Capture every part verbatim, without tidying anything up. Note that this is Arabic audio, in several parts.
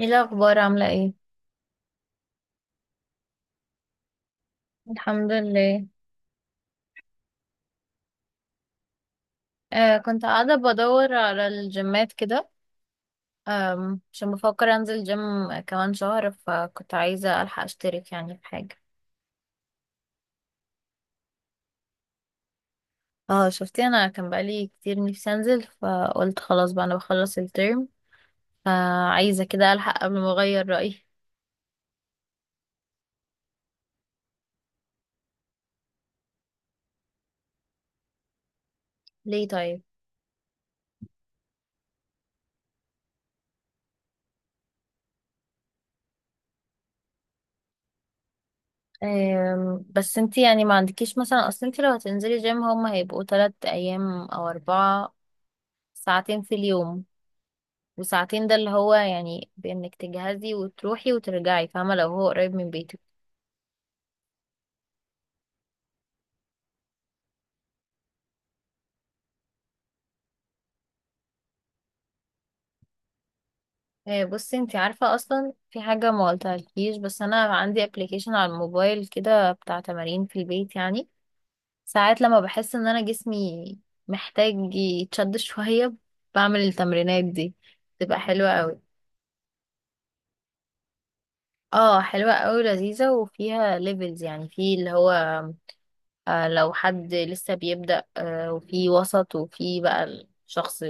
ايه الاخبار؟ عامله ايه؟ الحمد لله. آه، كنت قاعده بدور على الجيمات كده. آم، عشان بفكر انزل جيم كمان شهر، فكنت عايزه الحق اشترك يعني في حاجه. اه، شفتي؟ انا كان بقالي كتير نفسي انزل، فقلت خلاص بقى انا بخلص الترم، فعايزه كده الحق قبل ما اغير رايي. ليه طيب؟ آم، بس انتي يعني ما عندكيش مثلا، اصل انتي لو هتنزلي جيم هما هيبقوا تلات ايام او اربعه ساعتين في اليوم. وساعتين ده اللي هو يعني بانك تجهزي وتروحي وترجعي، فاهمه؟ لو هو قريب من بيتك. آه، بصي انت عارفه، اصلا في حاجه ما قلتهالكيش، بس انا عندي ابلكيشن على الموبايل كده بتاع تمارين في البيت يعني. ساعات لما بحس ان انا جسمي محتاج يتشد شويه، بعمل التمرينات دي، تبقى حلوه قوي. اه، حلوه قوي لذيذه، وفيها ليفلز يعني في اللي هو، آه، لو حد لسه بيبدأ، آه، وفي وسط، وفي بقى الشخص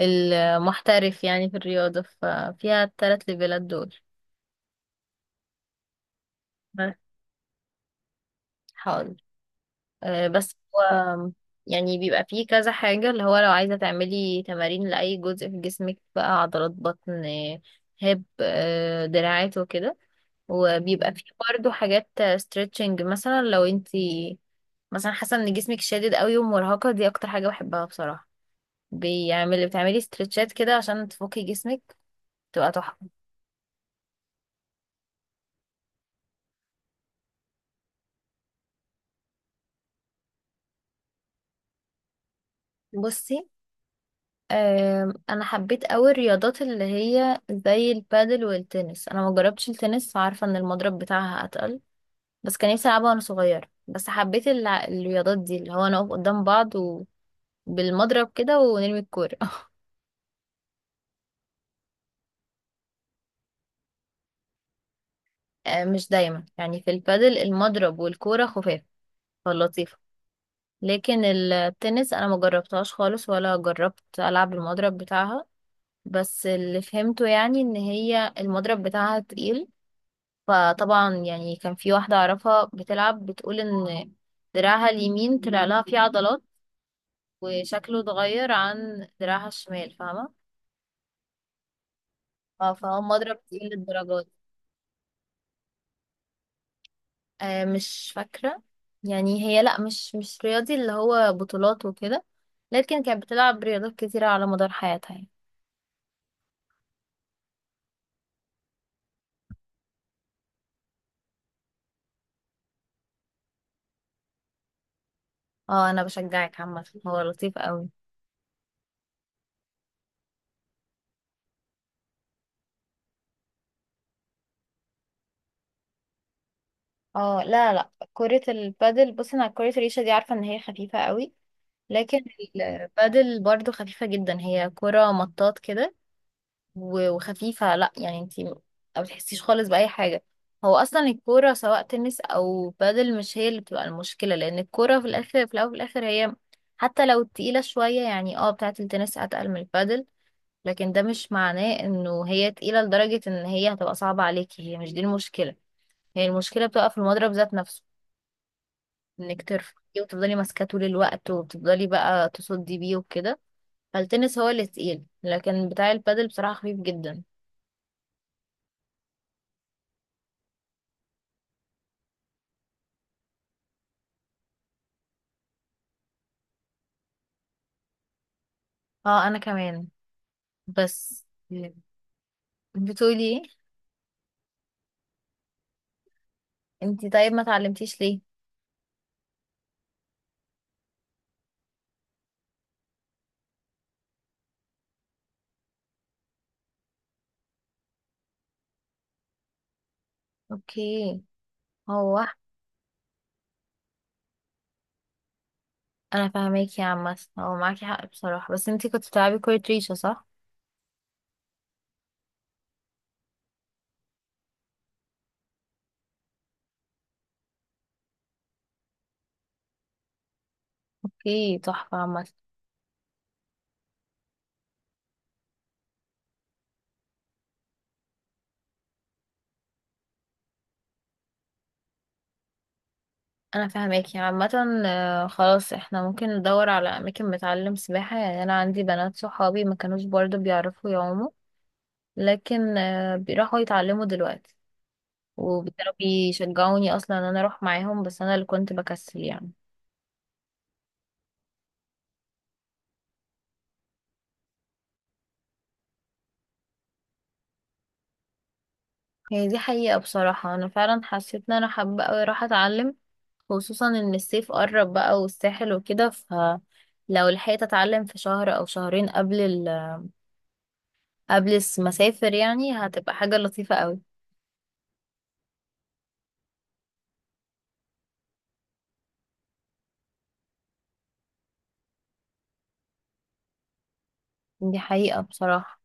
المحترف يعني في الرياضة، ففيها التلات ليفلات دول. بس. حاضر. آه، بس هو يعني بيبقى فيه كذا حاجة اللي هو، لو عايزة تعملي تمارين لأي جزء في جسمك بقى عضلات بطن، آه، هيب، آه، دراعات وكده، وبيبقى فيه برضه حاجات ستريتشنج مثلا. لو انتي مثلا حاسة ان جسمك شادد قوي ومرهقة، دي اكتر حاجة بحبها بصراحة، بيعمل بتعملي ستريتشات كده عشان تفكي جسمك، تبقى تحفة. بصي. آم، انا حبيت قوي الرياضات اللي هي زي البادل والتنس، انا ما جربتش التنس، عارفه ان المضرب بتاعها اتقل، بس كان نفسي العبها وانا صغيره، بس حبيت الع- الرياضات دي اللي هو نقف قدام بعض، وبالمضرب كده ونرمي الكوره. آه، مش دايما، يعني في البادل المضرب والكوره خفاف، فلطيفه. لكن التنس انا ما جربتهاش خالص، ولا جربت العب المضرب بتاعها، بس اللي فهمته يعني ان هي المضرب بتاعها تقيل. فطبعا يعني كان في واحدة أعرفها بتلعب، بتقول إن دراعها اليمين طلع لها فيه عضلات، وشكله اتغير عن دراعها الشمال، فاهمة؟ ف- فهو مضرب تقيل للدرجات. آه، مش فاكرة. يعني هي لأ، مش مش رياضي اللي هو بطولات وكده، لكن كانت بتلعب رياضات كتيرة على مدار حياتها يعني. اه، أنا بشجعك عامة، هو لطيف قوي. اه، لا، لا، كرة البادل، بصي أنا كرة الريشة دي عارفة إن هي خفيفة قوي. لكن البادل برضو خفيفة جدا، هي كرة مطاط كده و- وخفيفة. لا يعني انتي ما بتحسيش خالص بأي حاجة. هو أصلا الكورة سواء تنس أو بادل، مش هي اللي بتبقى المشكلة، لأن الكورة في الآخر، في الأول وفي الآخر، هي حتى لو تقيلة شوية، يعني اه بتاعة التنس أتقل من البادل، لكن ده مش معناه إنه هي تقيلة لدرجة إن هي هتبقى صعبة عليكي، هي مش دي المشكلة. هي المشكلة بتبقى في المضرب ذات نفسه، إنك ترفعي وتفضلي ماسكاه طول الوقت، وتفضلي بقى تصدي بيه وكده. فالتنس هو اللي تقيل، لكن بتاع البادل بصراحة خفيف جدا. اه، انا كمان، بس. بتقولي ايه؟ انتي طيب ما اتعلمتيش ليه؟ اوكي. هو انا فاهماكي يا عم، هو معاكي حق بصراحة، بس انتي كنت بتلعبي كورة ريشة صح؟ اوكي، تحفة عامة. انا فاهماكي عامة، آه، خلاص احنا ممكن ندور على اماكن بتعلم سباحة، يعني انا عندي بنات صحابي ما كانوش برضو بيعرفوا يعوموا، لكن آه، بيروحوا يتعلموا دلوقتي، وكانوا بيشجعوني اصلا ان انا اروح معاهم، بس انا اللي كنت بكسل يعني. هي دي حقيقة بصراحة، انا فعلا حسيت ان انا حابة اوي اروح اتعلم، خصوصا ان الصيف قرب بقى، والساحل وكده، فلو لحقت اتعلم في شهر او شهرين قبل ال... قبل المسافر، يعني هتبقى حاجة لطيفة اوي. دي حقيقة بصراحة.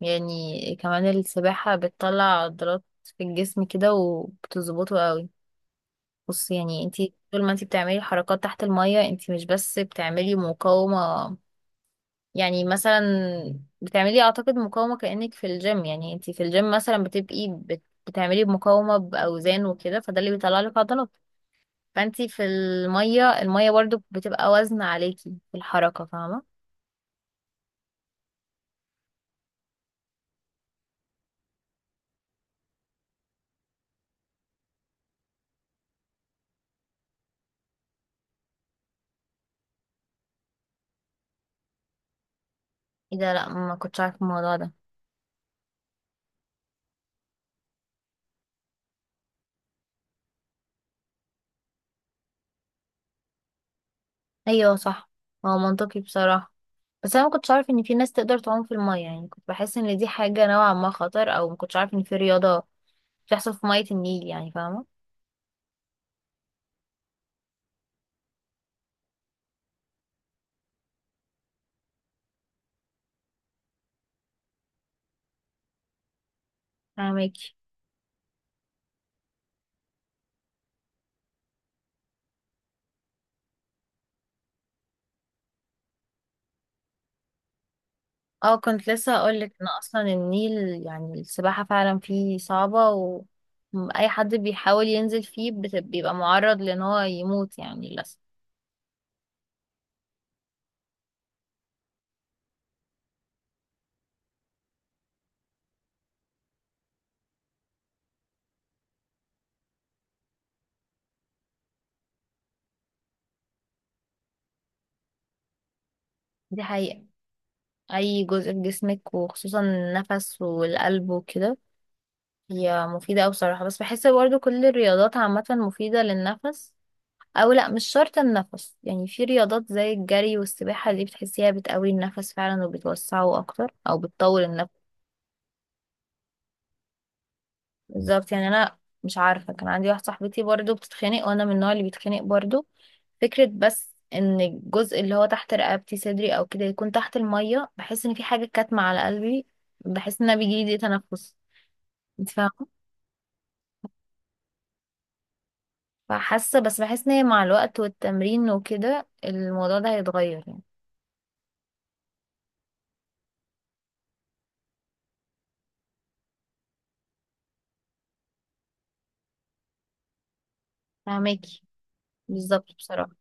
يعني كمان السباحة بتطلع عضلات في الجسم كده، وبتظبطه اوي. بص، يعني انتي طول ما انتي بتعملي حركات تحت المية، انتي مش بس بتعملي مقاومة، يعني مثلا بتعملي، اعتقد مقاومة كأنك في الجيم، يعني انتي في الجيم مثلا بتبقي بت- بتعملي مقاومة بأوزان وكده، فده اللي بيطلع لك عضلات. فانتي في المية، المية برضو بتبقى وزن عليكي في الحركة، فاهمة؟ ايه ده؟ لا، ما كنتش عارفة الموضوع ده. ايوه صح، هو منطقي بصراحة، بس انا ما كنتش عارفة ان في ناس تقدر تعوم في المية، يعني كنت بحس ان دي حاجة نوعا ما خطر، او ما كنتش عارفة ان في رياضة بتحصل في مية النيل يعني، فاهمة؟ فاهمك. اه، كنت لسه هقولك ان اصلا النيل، يعني السباحة فعلا فيه صعبة، واي حد بيحاول ينزل فيه بت- بيبقى معرض لان هو يموت يعني للأسف. دي حقيقة. اي جزء في جسمك، وخصوصا النفس والقلب وكده، هي مفيدة اوي بصراحة، بس بحس برضه كل الرياضات عامة مفيدة للنفس، او لا، مش شرط النفس، يعني في رياضات زي الجري والسباحة، دي بتحسيها بتقوي النفس فعلا وبتوسعه اكتر، او بتطول النفس. بالظبط، يعني انا مش عارفه، كان عندي واحده صاحبتي برضو بتتخانق، وانا من النوع اللي بيتخانق برضو، فكره بس ان الجزء اللي هو تحت رقبتي صدري او كده يكون تحت الميه، بحس ان في حاجه كاتمه على قلبي، بحس ان انا بيجيلي ضيق تنفس، انت فاهمه؟ فحاسه، بس بحس ان هي مع الوقت والتمرين وكده الموضوع ده هيتغير يعني. فاهماكي. بالظبط بصراحه.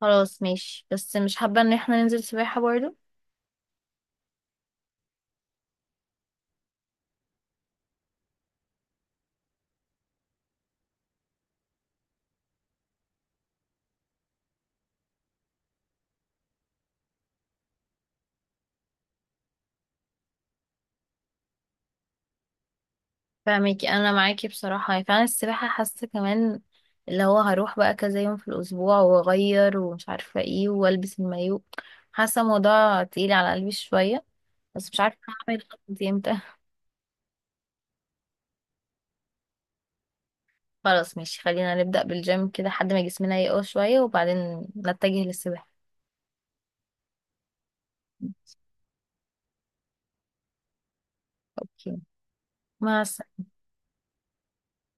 خلاص ماشي، بس مش حابه ان احنا ننزل سباحه برضو. فاهمك، انا معاكي بصراحه، يعني فعلا السباحه حاسه كمان اللي هو هروح بقى كذا يوم في الاسبوع، واغير ومش عارفه ايه، والبس المايو، حاسه الموضوع تقيل على قلبي شويه، بس مش عارفه هعمل الخطوه دي امتى. خلاص ماشي، خلينا نبدا بالجيم كده لحد ما جسمنا يقوى شويه، وبعدين نتجه للسباحه. اوكي. مع السلامه.